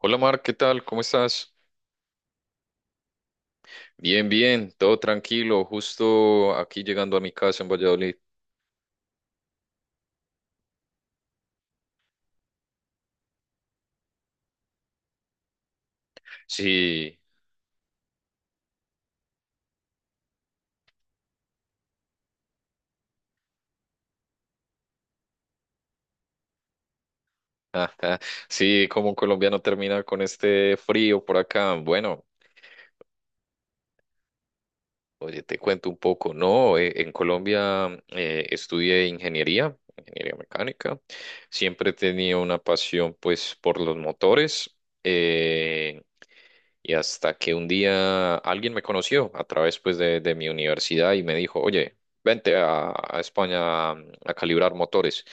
Hola Mar, ¿qué tal? ¿Cómo estás? Bien, bien, todo tranquilo, justo aquí llegando a mi casa en Valladolid. Sí, ajá, sí, como un colombiano termina con este frío por acá. Bueno, oye, te cuento un poco, ¿no? En Colombia estudié ingeniería, ingeniería mecánica. Siempre he tenido una pasión, pues, por los motores. Eh, Y hasta que un día alguien me conoció a través pues de mi universidad y me dijo, oye, vente a España a calibrar motores.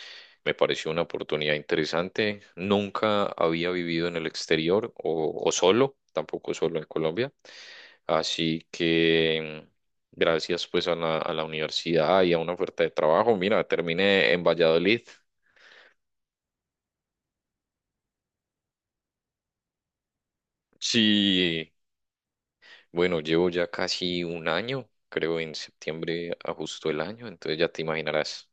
Me pareció una oportunidad interesante. Nunca había vivido en el exterior o solo, tampoco solo en Colombia. Así que gracias pues a la universidad y a una oferta de trabajo. Mira, terminé en Valladolid. Sí, bueno, llevo ya casi un año, creo en septiembre justo el año, entonces ya te imaginarás.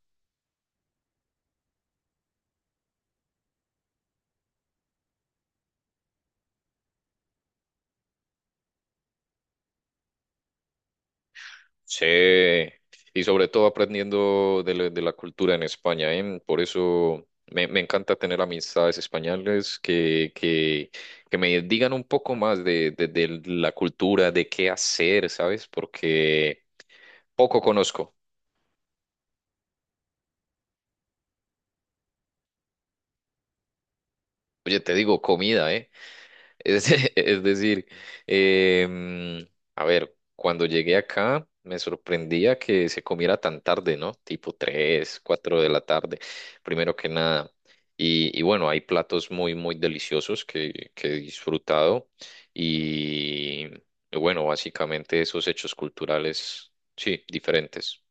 Sí, y sobre todo aprendiendo de la cultura en España, ¿eh? Por eso me encanta tener amistades españoles que me digan un poco más de la cultura, de qué hacer, ¿sabes? Porque poco conozco. Oye, te digo, comida, ¿eh? Es, es decir, em, a ver, cuando llegué acá me sorprendía que se comiera tan tarde, ¿no? Tipo tres, 4 de la tarde, primero que nada. Y bueno, hay platos muy, muy deliciosos que he disfrutado. Y y bueno, básicamente esos hechos culturales, sí, diferentes.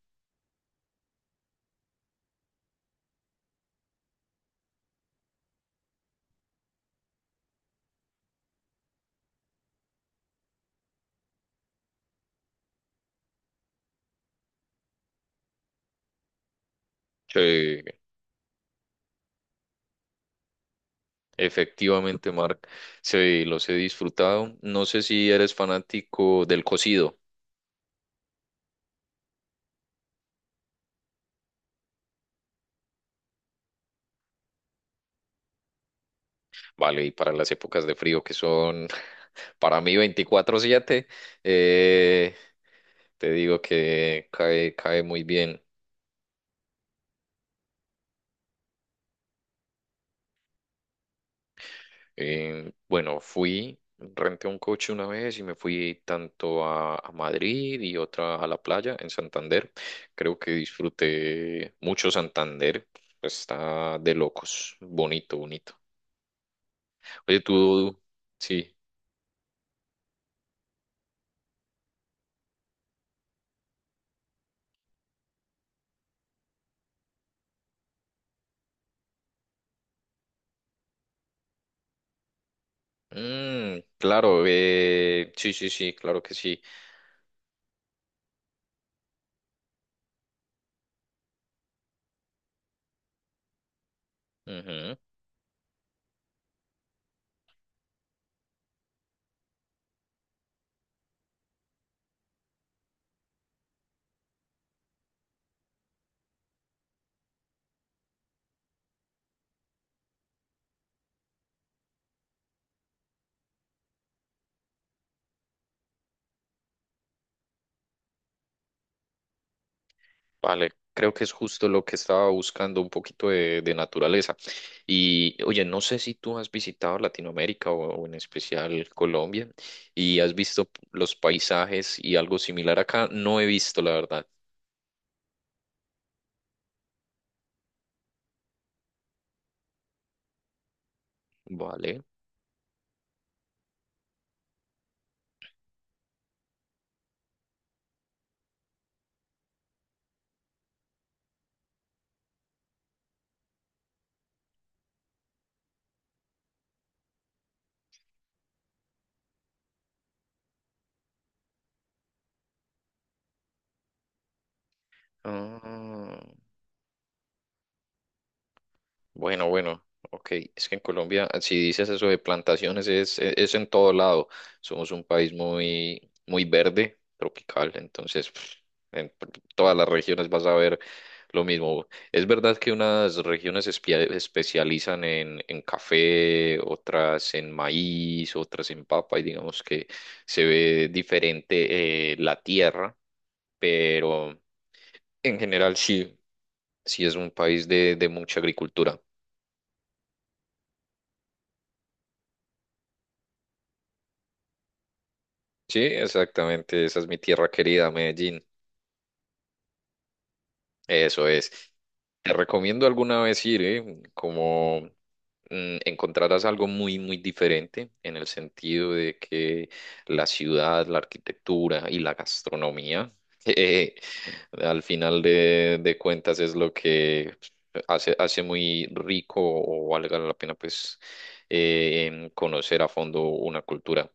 Sí, efectivamente, Mark, sí, los he disfrutado. No sé si eres fanático del cocido. Vale, y para las épocas de frío que son para mí 24/7 eh, te digo que cae, cae muy bien. Bueno, fui, renté un coche una vez y me fui tanto a Madrid y otra a la playa en Santander. Creo que disfruté mucho Santander. Pues está de locos, bonito, bonito. Oye, tú, sí. Mm, claro, sí, sí, sí, claro que sí. Ujú. Vale, creo que es justo lo que estaba buscando, un poquito de naturaleza. Y oye, no sé si tú has visitado Latinoamérica o en especial Colombia y has visto los paisajes y algo similar acá. No he visto, la verdad. Vale. Ah. Bueno, bueno, ok. Es que en Colombia, si dices eso de plantaciones, es en todo lado. Somos un país muy, muy verde, tropical, entonces en p- todas las regiones vas a ver lo mismo. Es verdad que unas regiones especializan en café, otras en maíz, otras en papa, y digamos que se ve diferente la tierra, pero en general sí, sí es un país de mucha agricultura. Sí, exactamente. Esa es mi tierra querida, Medellín. Eso es. Te recomiendo alguna vez ir, ¿eh? Como encontrarás algo muy, muy diferente en el sentido de que la ciudad, la arquitectura y la gastronomía, eh, al final de cuentas es lo que hace, hace muy rico o valga la pena, pues, conocer a fondo una cultura.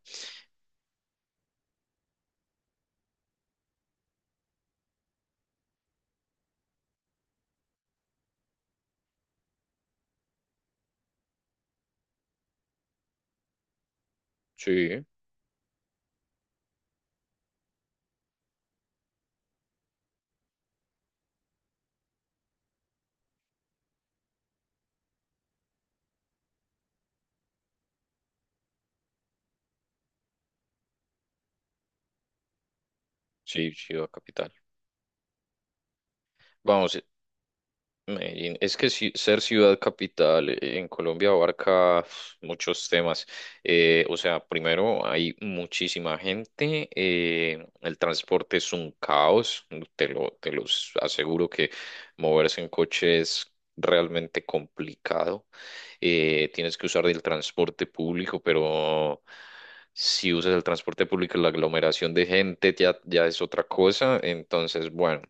Sí, sí, ciudad capital. Vamos. Medellín. Es que ser ciudad capital en Colombia abarca uf, muchos temas. O sea, primero hay muchísima gente, el transporte es un caos, te lo, te los aseguro que moverse en coche es realmente complicado. Tienes que usar el transporte público, pero si usas el transporte público, la aglomeración de gente ya, ya es otra cosa. Entonces, bueno.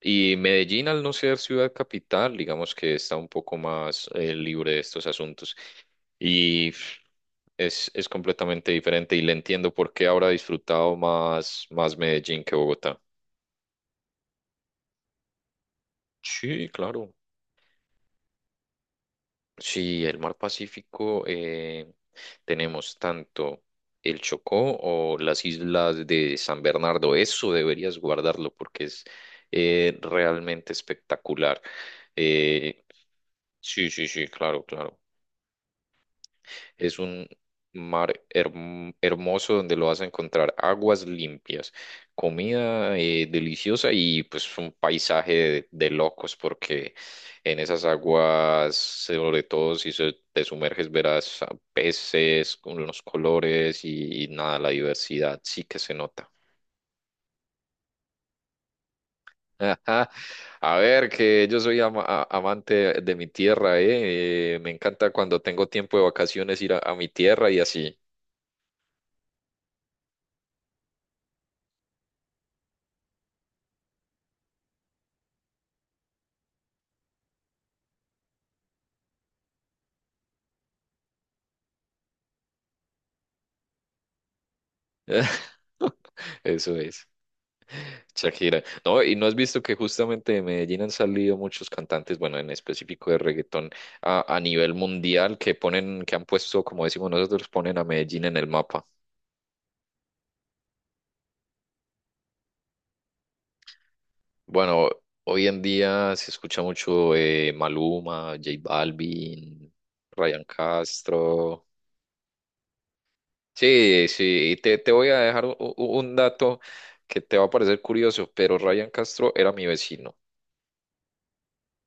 Y Medellín, al no ser ciudad capital, digamos que está un poco más libre de estos asuntos. Y es completamente diferente y le entiendo por qué habrá disfrutado más, más Medellín que Bogotá. Sí, claro. Sí, el mar Pacífico tenemos tanto el Chocó o las islas de San Bernardo. Eso deberías guardarlo porque es realmente espectacular. Eh, sí, sí, sí, claro, claro. Es un mar hermoso donde lo vas a encontrar aguas limpias, comida deliciosa y pues un paisaje de locos porque en esas aguas, sobre todo si te sumerges, verás peces con los colores y nada, la diversidad sí que se nota. Ajá. A ver, que yo soy amante de mi tierra, ¿eh? Me encanta cuando tengo tiempo de vacaciones ir a mi tierra y así. Eso es, Shakira. No, y no has visto que justamente de Medellín han salido muchos cantantes, bueno, en específico de reggaetón a nivel mundial que ponen, que han puesto, como decimos nosotros, ponen a Medellín en el mapa. Bueno, hoy en día se escucha mucho Maluma, J Balvin, Ryan Castro. Sí, sí, y te voy a dejar un dato que te va a parecer curioso, pero Ryan Castro era mi vecino.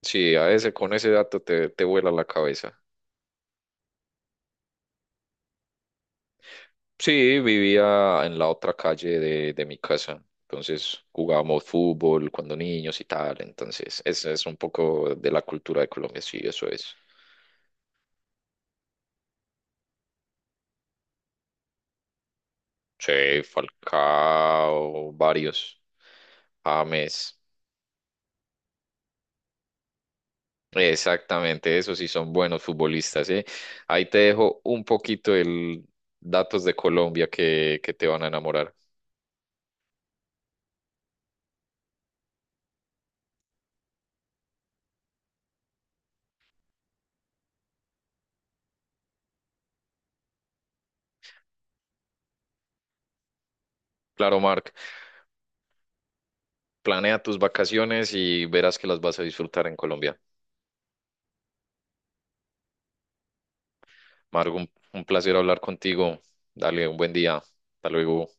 Sí, a ese, con ese dato te, te vuela la cabeza. Sí, vivía en la otra calle de mi casa. Entonces jugábamos fútbol cuando niños y tal. Entonces, ese es un poco de la cultura de Colombia, sí, eso es. Sí, Falcao, varios, James. Exactamente, esos sí son buenos futbolistas, ¿eh? Ahí te dejo un poquito el datos de Colombia que te van a enamorar. Claro, Marc. Planea tus vacaciones y verás que las vas a disfrutar en Colombia. Margo, un placer hablar contigo. Dale un buen día. Hasta luego.